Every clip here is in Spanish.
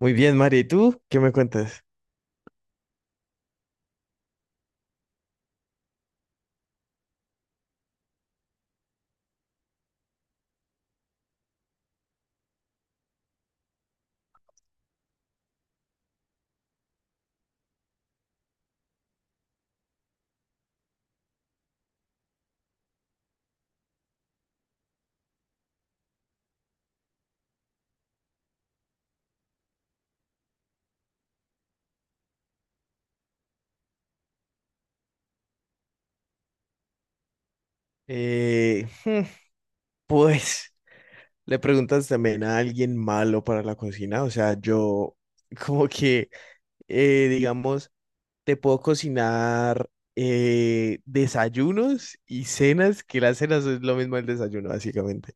Muy bien, Mari, ¿y tú qué me cuentas? Eh, hmm, pues, ¿Le preguntas también a alguien malo para la cocina? O sea, yo como que, digamos, te puedo cocinar desayunos y cenas, que las cenas es lo mismo el desayuno, básicamente.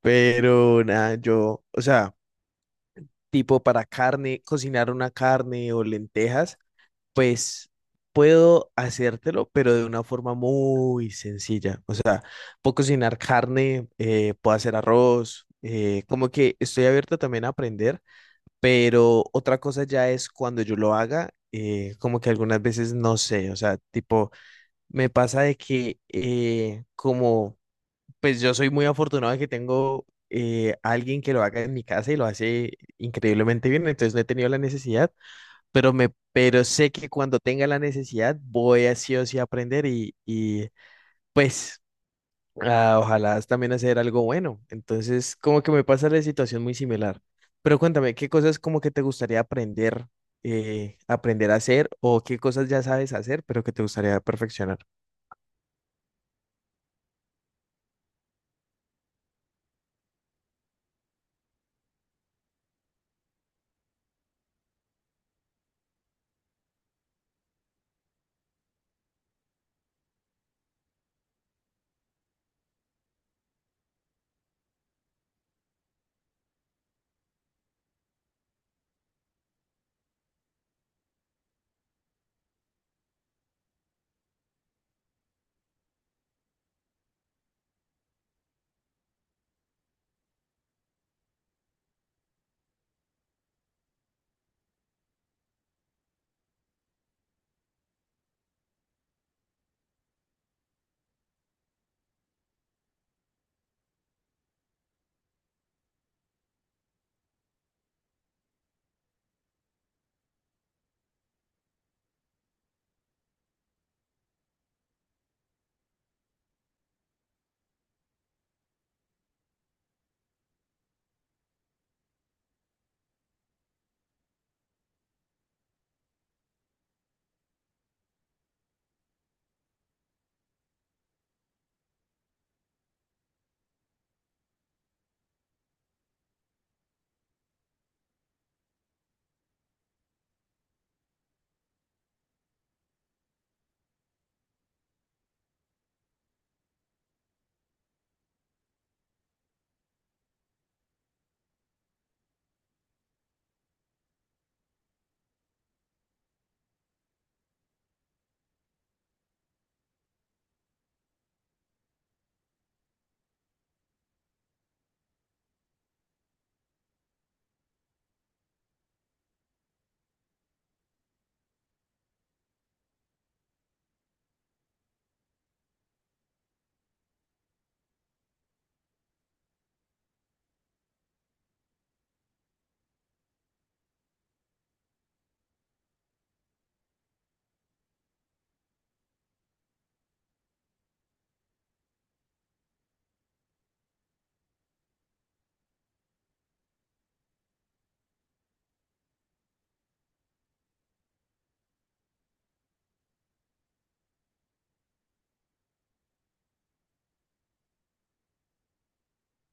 Pero nada, yo, o sea, tipo para carne, cocinar una carne o lentejas. Pues puedo hacértelo, pero de una forma muy sencilla. O sea, puedo cocinar carne, puedo hacer arroz, como que estoy abierto también a aprender, pero otra cosa ya es cuando yo lo haga, como que algunas veces no sé, o sea, tipo, me pasa de que como, pues yo soy muy afortunado de que tengo... alguien que lo haga en mi casa y lo hace increíblemente bien, entonces no he tenido la necesidad, pero me, pero sé que cuando tenga la necesidad voy a sí o sí a aprender y pues ojalá también hacer algo bueno. Entonces, como que me pasa la situación muy similar. Pero cuéntame, ¿qué cosas como que te gustaría aprender, aprender a hacer o qué cosas ya sabes hacer, pero que te gustaría perfeccionar?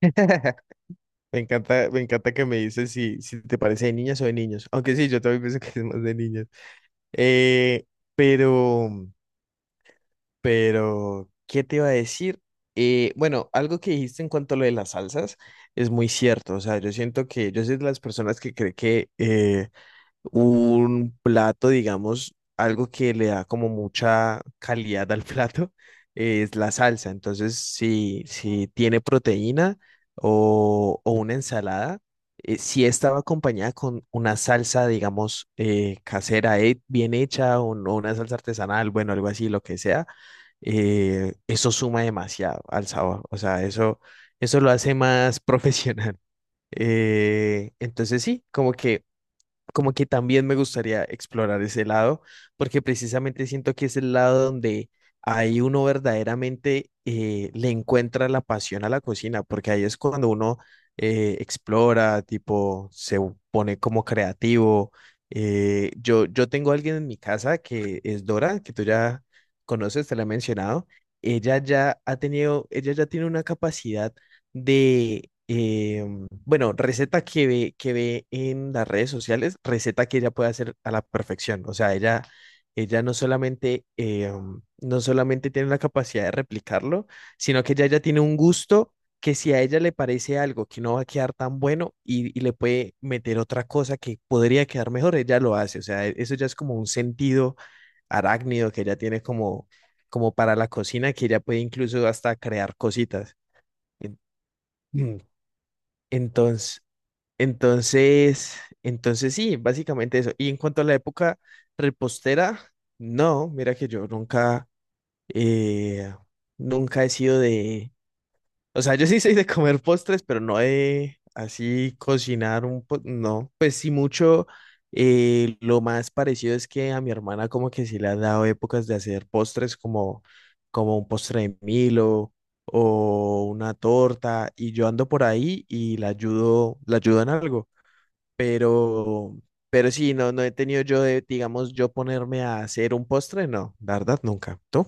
Me encanta que me dices si, si te parece de niñas o de niños. Aunque sí, yo también pienso que es más de niños. Eh, pero, Pero, ¿qué te iba a decir? Bueno, algo que dijiste en cuanto a lo de las salsas es muy cierto. O sea, yo siento que yo soy de las personas que cree que un plato, digamos, algo que le da como mucha calidad al plato, es la salsa. Entonces, si, si tiene proteína o una ensalada, si estaba acompañada con una salsa, digamos, casera, bien hecha, o no una salsa artesanal, bueno, algo así, lo que sea, eso suma demasiado al sabor. O sea, eso lo hace más profesional. Entonces sí, como que también me gustaría explorar ese lado, porque precisamente siento que es el lado donde ahí uno verdaderamente le encuentra la pasión a la cocina, porque ahí es cuando uno explora, tipo, se pone como creativo. Yo tengo alguien en mi casa que es Dora, que tú ya conoces, te la he mencionado. Ella ya ha tenido, ella ya tiene una capacidad de, bueno, receta que ve en las redes sociales, receta que ella puede hacer a la perfección. O sea, ella no solamente, no solamente tiene la capacidad de replicarlo, sino que ella ya tiene un gusto que si a ella le parece algo que no va a quedar tan bueno y le puede meter otra cosa que podría quedar mejor, ella lo hace. O sea, eso ya es como un sentido arácnido que ella tiene como, como para la cocina, que ella puede incluso hasta crear cositas. En- Mm. Entonces, entonces, entonces sí, básicamente eso. Y en cuanto a la época repostera, no, mira que yo nunca, eh, nunca he sido de, o sea, yo sí soy de comer postres, pero no de así cocinar un no, pues sí mucho. Lo más parecido es que a mi hermana como que sí le ha dado épocas de hacer postres como, como un postre de Milo o una torta y yo ando por ahí y la ayudo en algo, pero, pero sí, no, no he tenido yo de, digamos, yo ponerme a hacer un postre, no, la verdad, nunca. ¿Tú?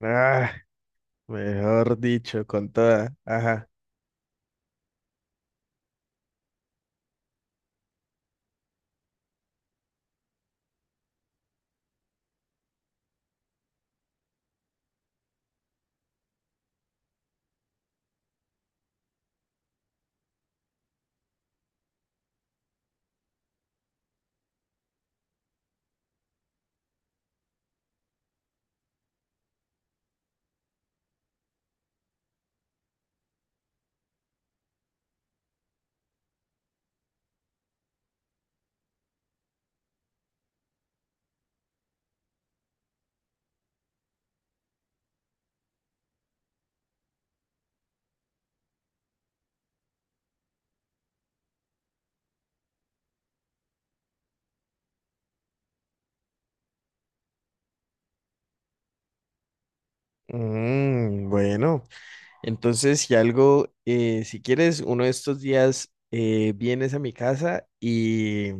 Ah. Mejor dicho, con toda. Ajá. Bueno, entonces si algo, si quieres, uno de estos días vienes a mi casa y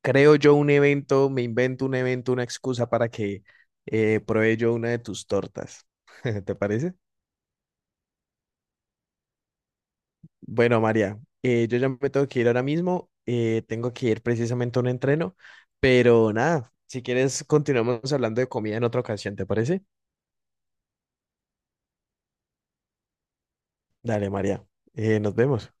creo yo un evento, me invento un evento, una excusa para que pruebe yo una de tus tortas. ¿Te parece? Bueno, María, yo ya me tengo que ir ahora mismo, tengo que ir precisamente a un entreno, pero nada, si quieres continuamos hablando de comida en otra ocasión, ¿te parece? Dale, María, nos vemos.